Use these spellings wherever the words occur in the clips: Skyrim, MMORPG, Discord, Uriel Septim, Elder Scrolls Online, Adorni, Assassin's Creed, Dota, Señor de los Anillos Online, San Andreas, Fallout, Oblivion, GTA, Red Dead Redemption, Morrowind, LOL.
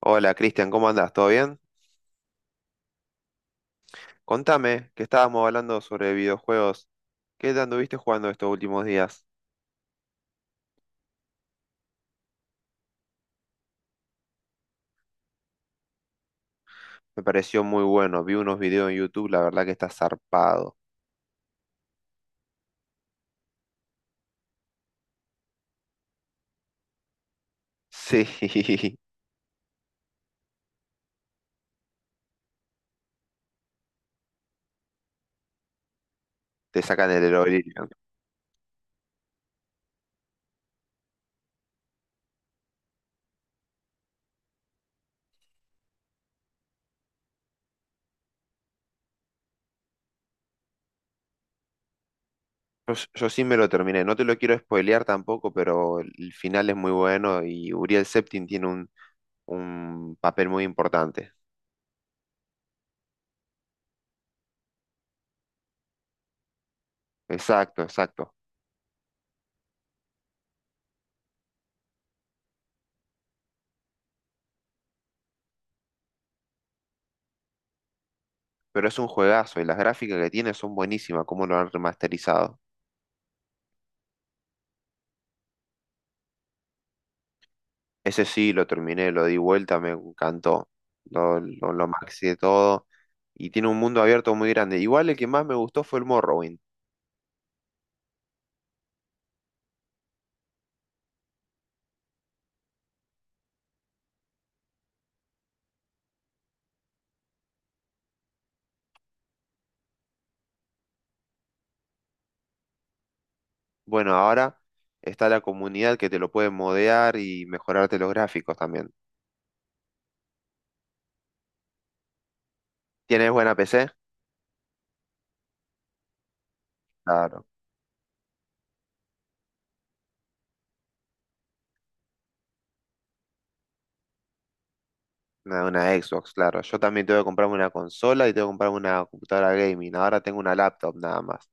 Hola Cristian, ¿cómo andás? ¿Todo bien? Contame, que estábamos hablando sobre videojuegos. ¿Qué te anduviste jugando estos últimos días? Me pareció muy bueno, vi unos videos en YouTube, la verdad que está zarpado. Sí, te sacan el Oblivion. Yo sí me lo terminé, no te lo quiero spoilear tampoco, pero el final es muy bueno y Uriel Septim tiene un papel muy importante. Exacto, exacto. Pero es un juegazo y las gráficas que tiene son buenísimas, como lo han remasterizado. Ese sí, lo terminé, lo di vuelta, me encantó. Lo maxi de todo. Y tiene un mundo abierto muy grande. Igual el que más me gustó fue el Morrowind. Bueno, ahora está la comunidad que te lo puede modear y mejorarte los gráficos también. ¿Tienes buena PC? Claro. Una Xbox, claro. Yo también tengo que comprarme una consola y tengo que comprarme una computadora gaming. Ahora tengo una laptop nada más.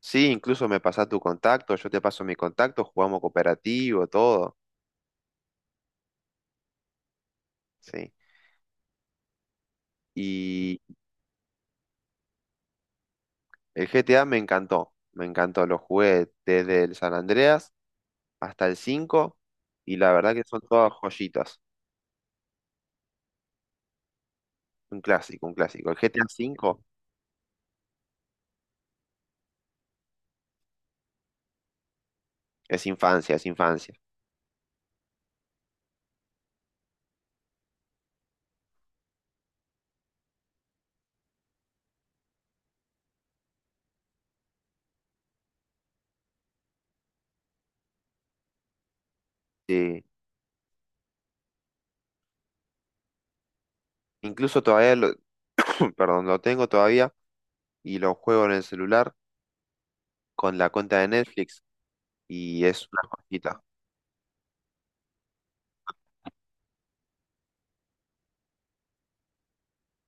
Sí, incluso me pasás tu contacto, yo te paso mi contacto, jugamos cooperativo, todo. Sí. El GTA me encantó, me encantó. Lo jugué desde el San Andreas hasta el 5 y la verdad que son todas joyitas. Un clásico, un clásico. El GTA 5 es infancia, es infancia. Sí. Incluso todavía lo, perdón, lo tengo todavía y lo juego en el celular con la cuenta de Netflix y es una joyita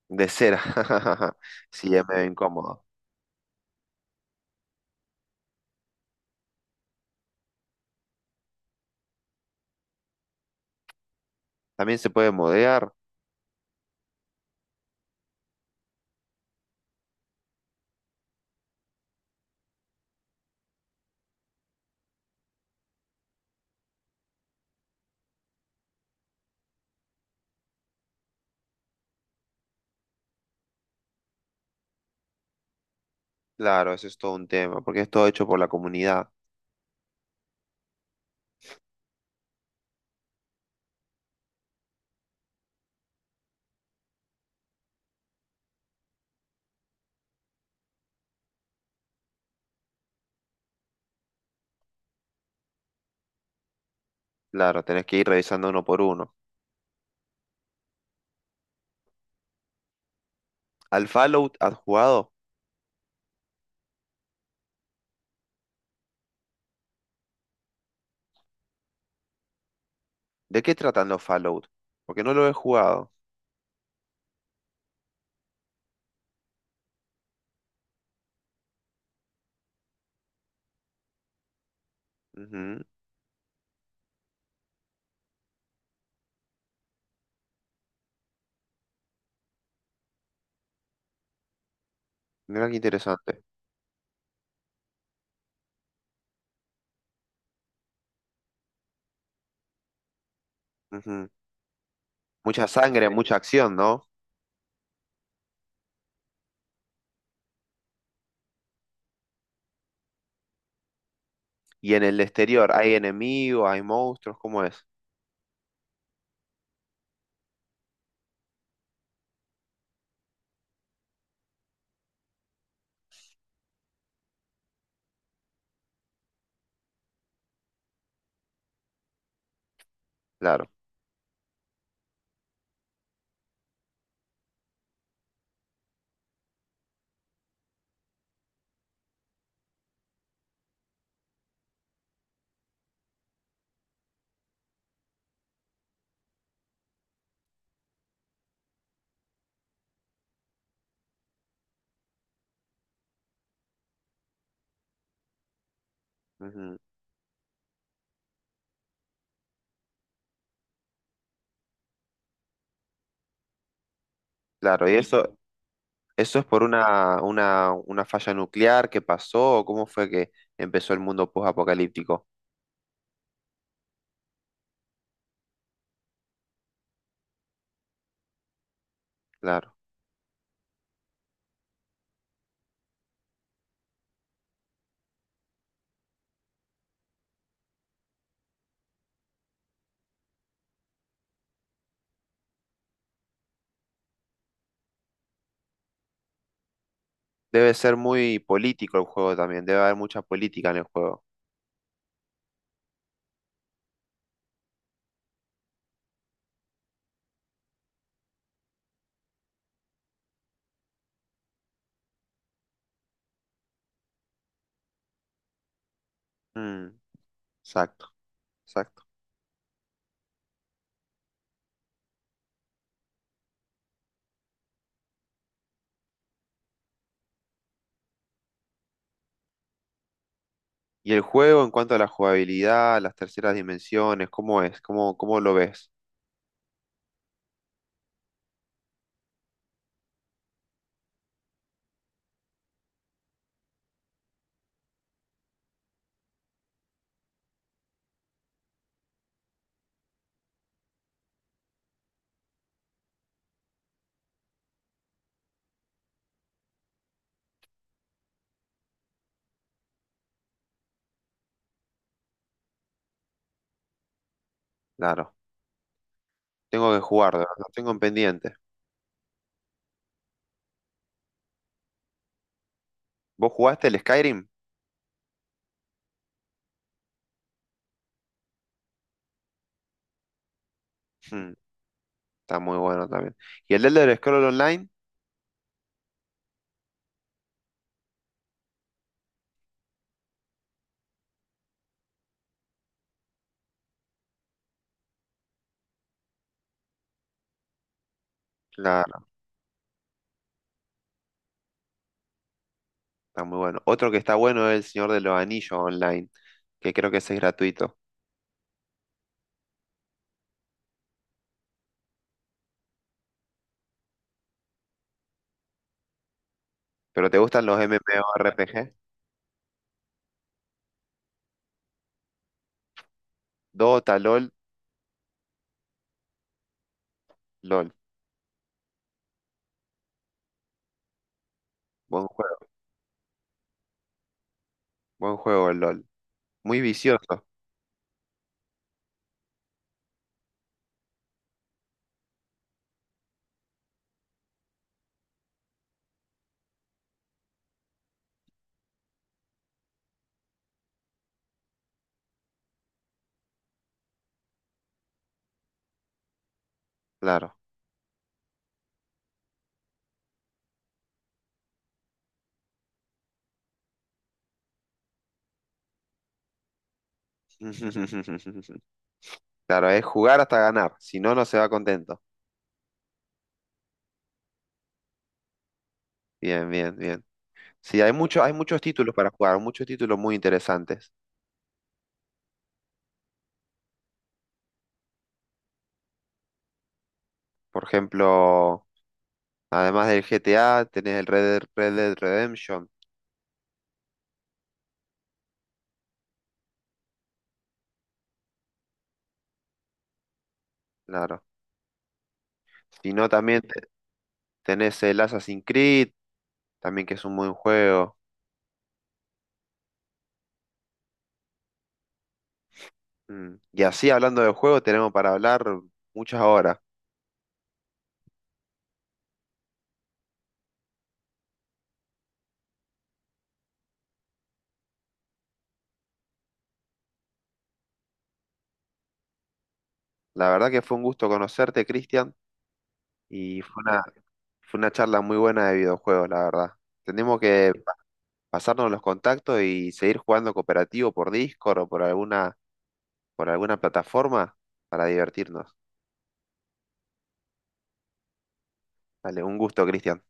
de cera. Sí, es medio incómodo. También se puede modear, claro, eso es todo un tema, porque es todo hecho por la comunidad. Claro, tenés que ir revisando uno por uno. ¿Al Fallout has jugado? ¿De qué tratan los Fallout? Porque no lo he jugado. Ujú. Mira qué interesante. Ujú. Mucha sangre, mucha acción, ¿no? Y en el exterior, ¿hay enemigos, hay monstruos? ¿Cómo es? Claro. Ujú. Claro, ¿y eso es por una falla nuclear que pasó? ¿O cómo fue que empezó el mundo post-apocalíptico? Claro. Debe ser muy político el juego también, debe haber mucha política en el juego. Mm, exacto, exacto. ¿Y el juego en cuanto a la jugabilidad, las terceras dimensiones, cómo es? ¿Cómo, cómo lo ves? Claro, tengo que jugarlo, lo tengo en pendiente. ¿Vos jugaste el Skyrim? Hmm, está muy bueno también. ¿Y el Elder Scrolls Online? Claro, está muy bueno. Otro que está bueno es el Señor de los Anillos Online, que creo que ese es gratuito. ¿Pero te gustan los MMORPG? Dota, LOL, LOL. Buen juego, buen juego el LOL. Muy vicioso, claro. Claro, es jugar hasta ganar, si no, no se va contento. Bien, bien, bien. Sí, hay muchos títulos para jugar, muchos títulos muy interesantes. Por ejemplo, además del GTA, tenés el Red Dead, Red Dead Redemption, claro. Si no, también tenés el Assassin's Creed, también que es un buen juego. Mm. Y así, hablando de juegos, tenemos para hablar muchas horas. La verdad que fue un gusto conocerte, Cristian, y fue una charla muy buena de videojuegos, la verdad. Tenemos que pasarnos los contactos y seguir jugando cooperativo por Discord o por alguna plataforma para divertirnos. Dale, un gusto, Cristian.